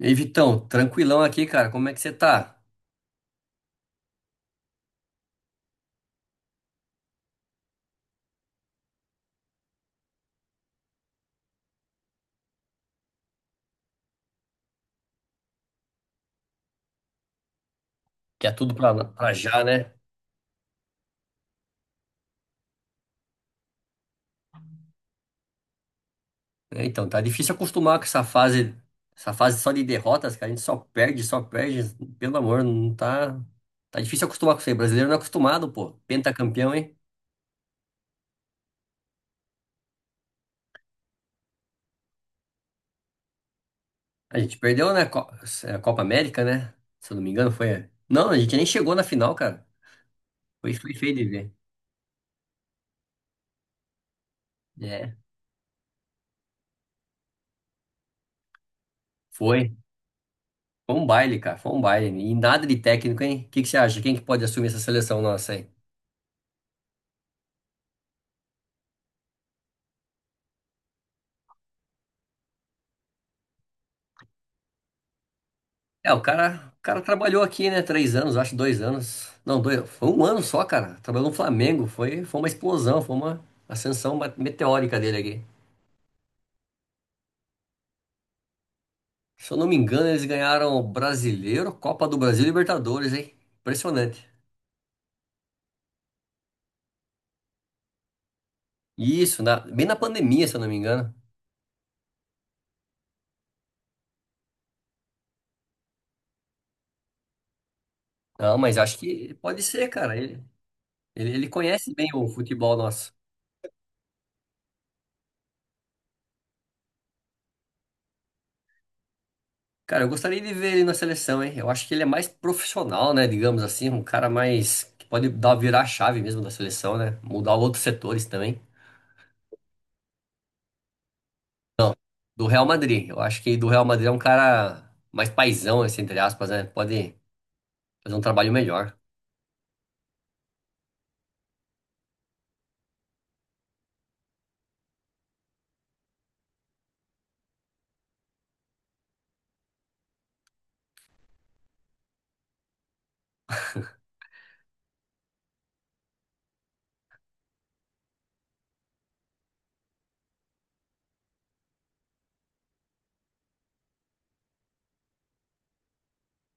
E aí, Vitão, tranquilão aqui, cara. Como é que você tá? Que é tudo pra já, né? Então, tá difícil acostumar com essa fase só de derrotas, cara. A gente só perde. Pelo amor, não tá. Tá difícil acostumar com isso aí. Brasileiro não é acostumado, pô. Pentacampeão, hein? A gente perdeu, né? É, Copa América, né? Se eu não me engano, foi. Não, a gente nem chegou na final, cara. Foi feio de ver. É, foi. Foi um baile, cara. Foi um baile. E nada de técnico, hein? O que que você acha? Quem que pode assumir essa seleção nossa, hein? É, o cara trabalhou aqui, né? Três anos, acho, dois anos. Não, dois, foi um ano só, cara. Trabalhou no Flamengo. Foi uma explosão, foi uma ascensão meteórica dele aqui. Se eu não me engano, eles ganharam o Brasileiro, Copa do Brasil e Libertadores, hein? Impressionante. Isso, bem na pandemia, se eu não me engano. Não, mas acho que pode ser, cara. Ele conhece bem o futebol nosso. Cara, eu gostaria de ver ele na seleção, hein? Eu acho que ele é mais profissional, né? Digamos assim, um cara mais que pode dar virar a chave mesmo da seleção, né? Mudar outros setores também. Não, do Real Madrid. Eu acho que do Real Madrid é um cara mais paizão, assim, entre aspas, né? Pode fazer um trabalho melhor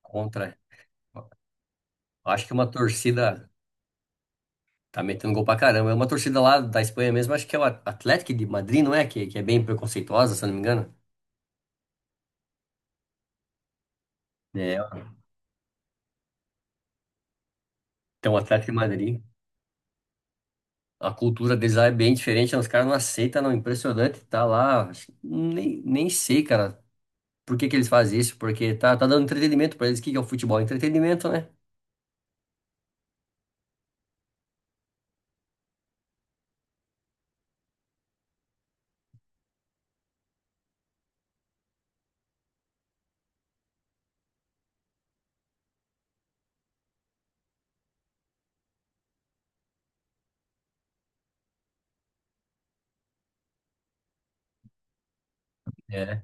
contra. Eu acho que uma torcida tá metendo gol pra caramba. É uma torcida lá da Espanha mesmo, acho que é o Atlético de Madrid, não é? Que é bem preconceituosa, se eu não me engano. É, então o Atlético de Madrid. A cultura deles lá é bem diferente, né? Os caras não aceitam, não. Impressionante, tá lá. Nem, nem sei, cara, por que que eles fazem isso, porque tá dando entretenimento pra eles. O que que é o futebol? Entretenimento, né? É.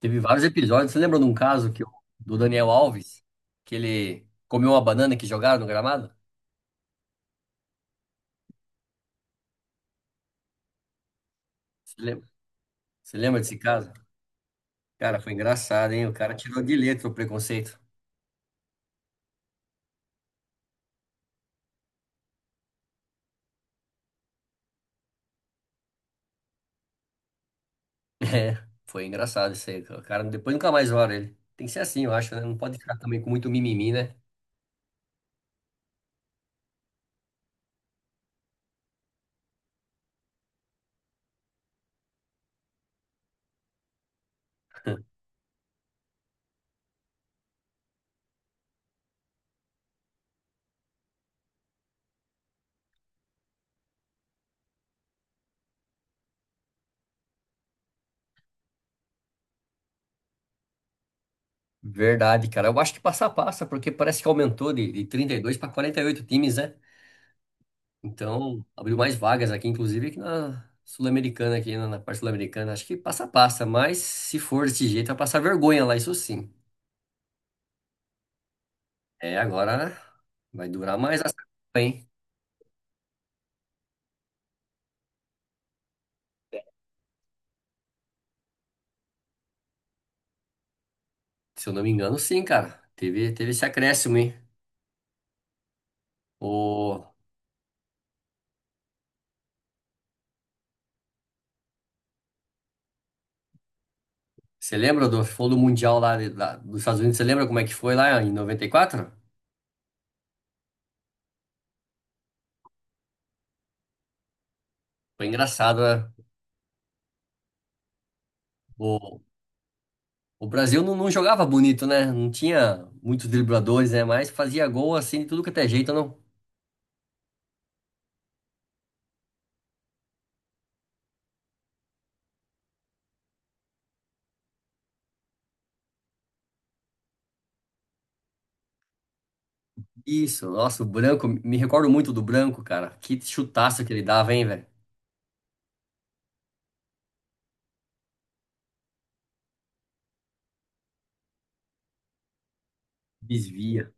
Teve vários episódios. Você lembra de um caso do Daniel Alves, que ele comeu uma banana que jogaram no gramado? Você lembra? Você lembra desse caso? Cara, foi engraçado, hein? O cara tirou de letra o preconceito. É, foi engraçado isso aí, cara. O cara depois nunca mais olha ele. Tem que ser assim, eu acho, né? Não pode ficar também com muito mimimi, né? Verdade, cara. Eu acho que passa a passa, porque parece que aumentou de 32 para 48 times, né? Então, abriu mais vagas aqui, inclusive aqui na Sul-Americana, aqui na parte Sul-Americana. Acho que passa a passa, mas se for desse jeito, vai passar vergonha lá, isso sim. É, agora vai durar mais essa Copa, hein? Se eu não me engano, sim, cara. Teve esse acréscimo, hein? O, você lembra do, foi do Mundial lá, lá dos Estados Unidos? Você lembra como é que foi lá em 94? Foi engraçado, né? O Brasil não jogava bonito, né? Não tinha muitos dribladores, né? Mas fazia gol assim, de tudo que até jeito, não. Isso, nossa, o Branco, me recordo muito do Branco, cara. Que chutaço que ele dava, hein, velho? Desvia.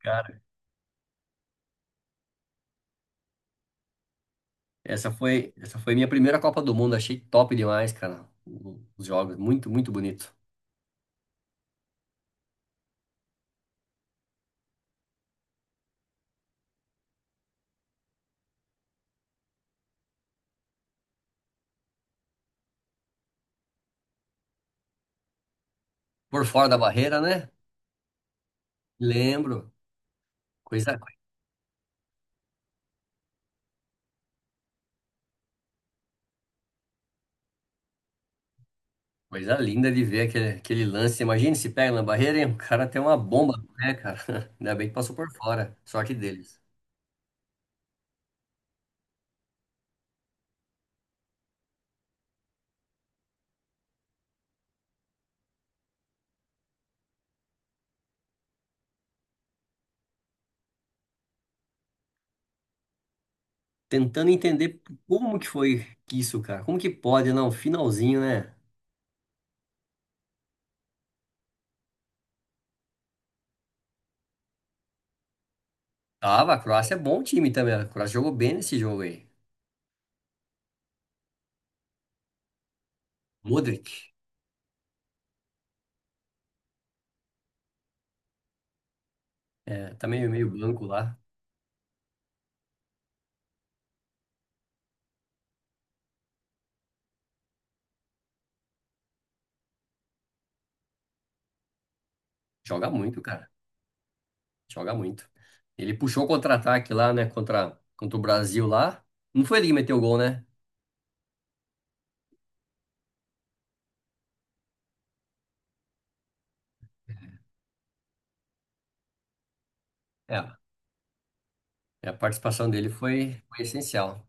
Cara, essa foi minha primeira Copa do Mundo, achei top demais, cara. Os jogos, muito bonito. Por fora da barreira, né? Lembro. Coisa, coisa linda de ver aquele lance. Imagina se pega na barreira, hein? O cara tem uma bomba, né, cara? Ainda bem que passou por fora. Sorte deles. Tentando entender como que foi que isso, cara. Como que pode, não? Finalzinho, né? Tava, a Croácia é bom time também. A Croácia jogou bem nesse jogo aí. Modric, é, também meio branco lá. Joga muito, cara. Joga muito. Ele puxou o contra-ataque lá, né? Contra o Brasil lá. Não foi ele que meteu o gol, né? É, a participação dele foi essencial.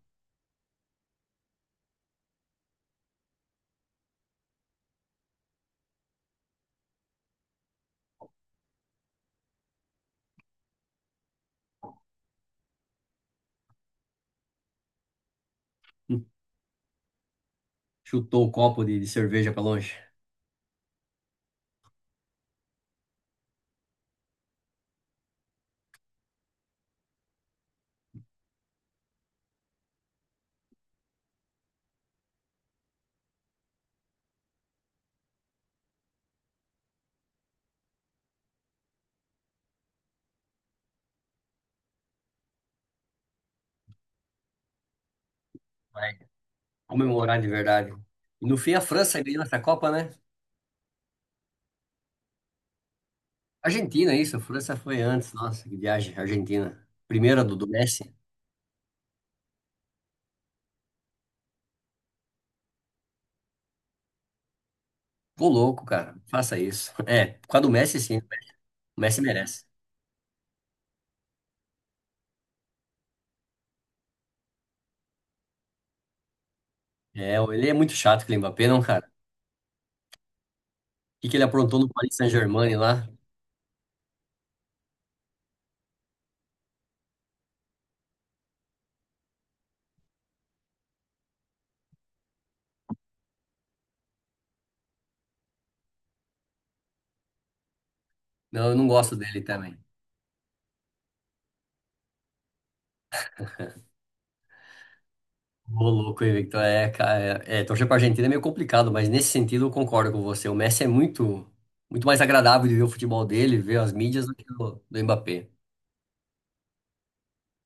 Hum, Chutou o copo de cerveja pra longe. Vai comemorar de verdade. E no fim, a França ganhou essa Copa, né? Argentina, isso. A França foi antes. Nossa, que viagem. Argentina. Primeira do Messi. Tô louco, cara. Faça isso. É, por causa do Messi, sim, né? O Messi merece. É, ele é muito chato, aquele Mbappé, não, cara? O que que ele aprontou no Paris Saint-Germain lá? Não, eu não gosto dele também. Ô, louco, hein, Victor? É, cara. Torcer pra Argentina é meio complicado, mas nesse sentido eu concordo com você. O Messi é muito mais agradável de ver o futebol dele, ver as mídias do que o do Mbappé.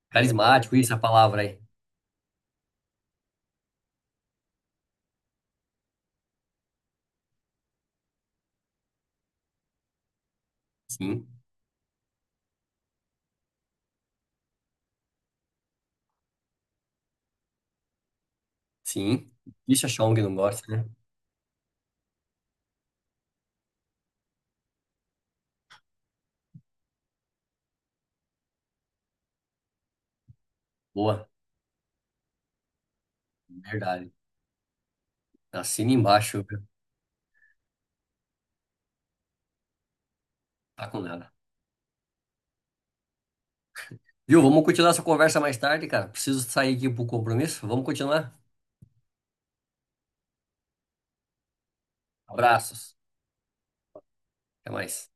Carismático, isso é a palavra aí. Sim, sim. Deixa que não gosta, né? Boa. Verdade. Assina embaixo, viu? Tá com nada. Viu? Vamos continuar essa conversa mais tarde, cara. Preciso sair aqui pro compromisso. Vamos continuar? Abraços. Até mais.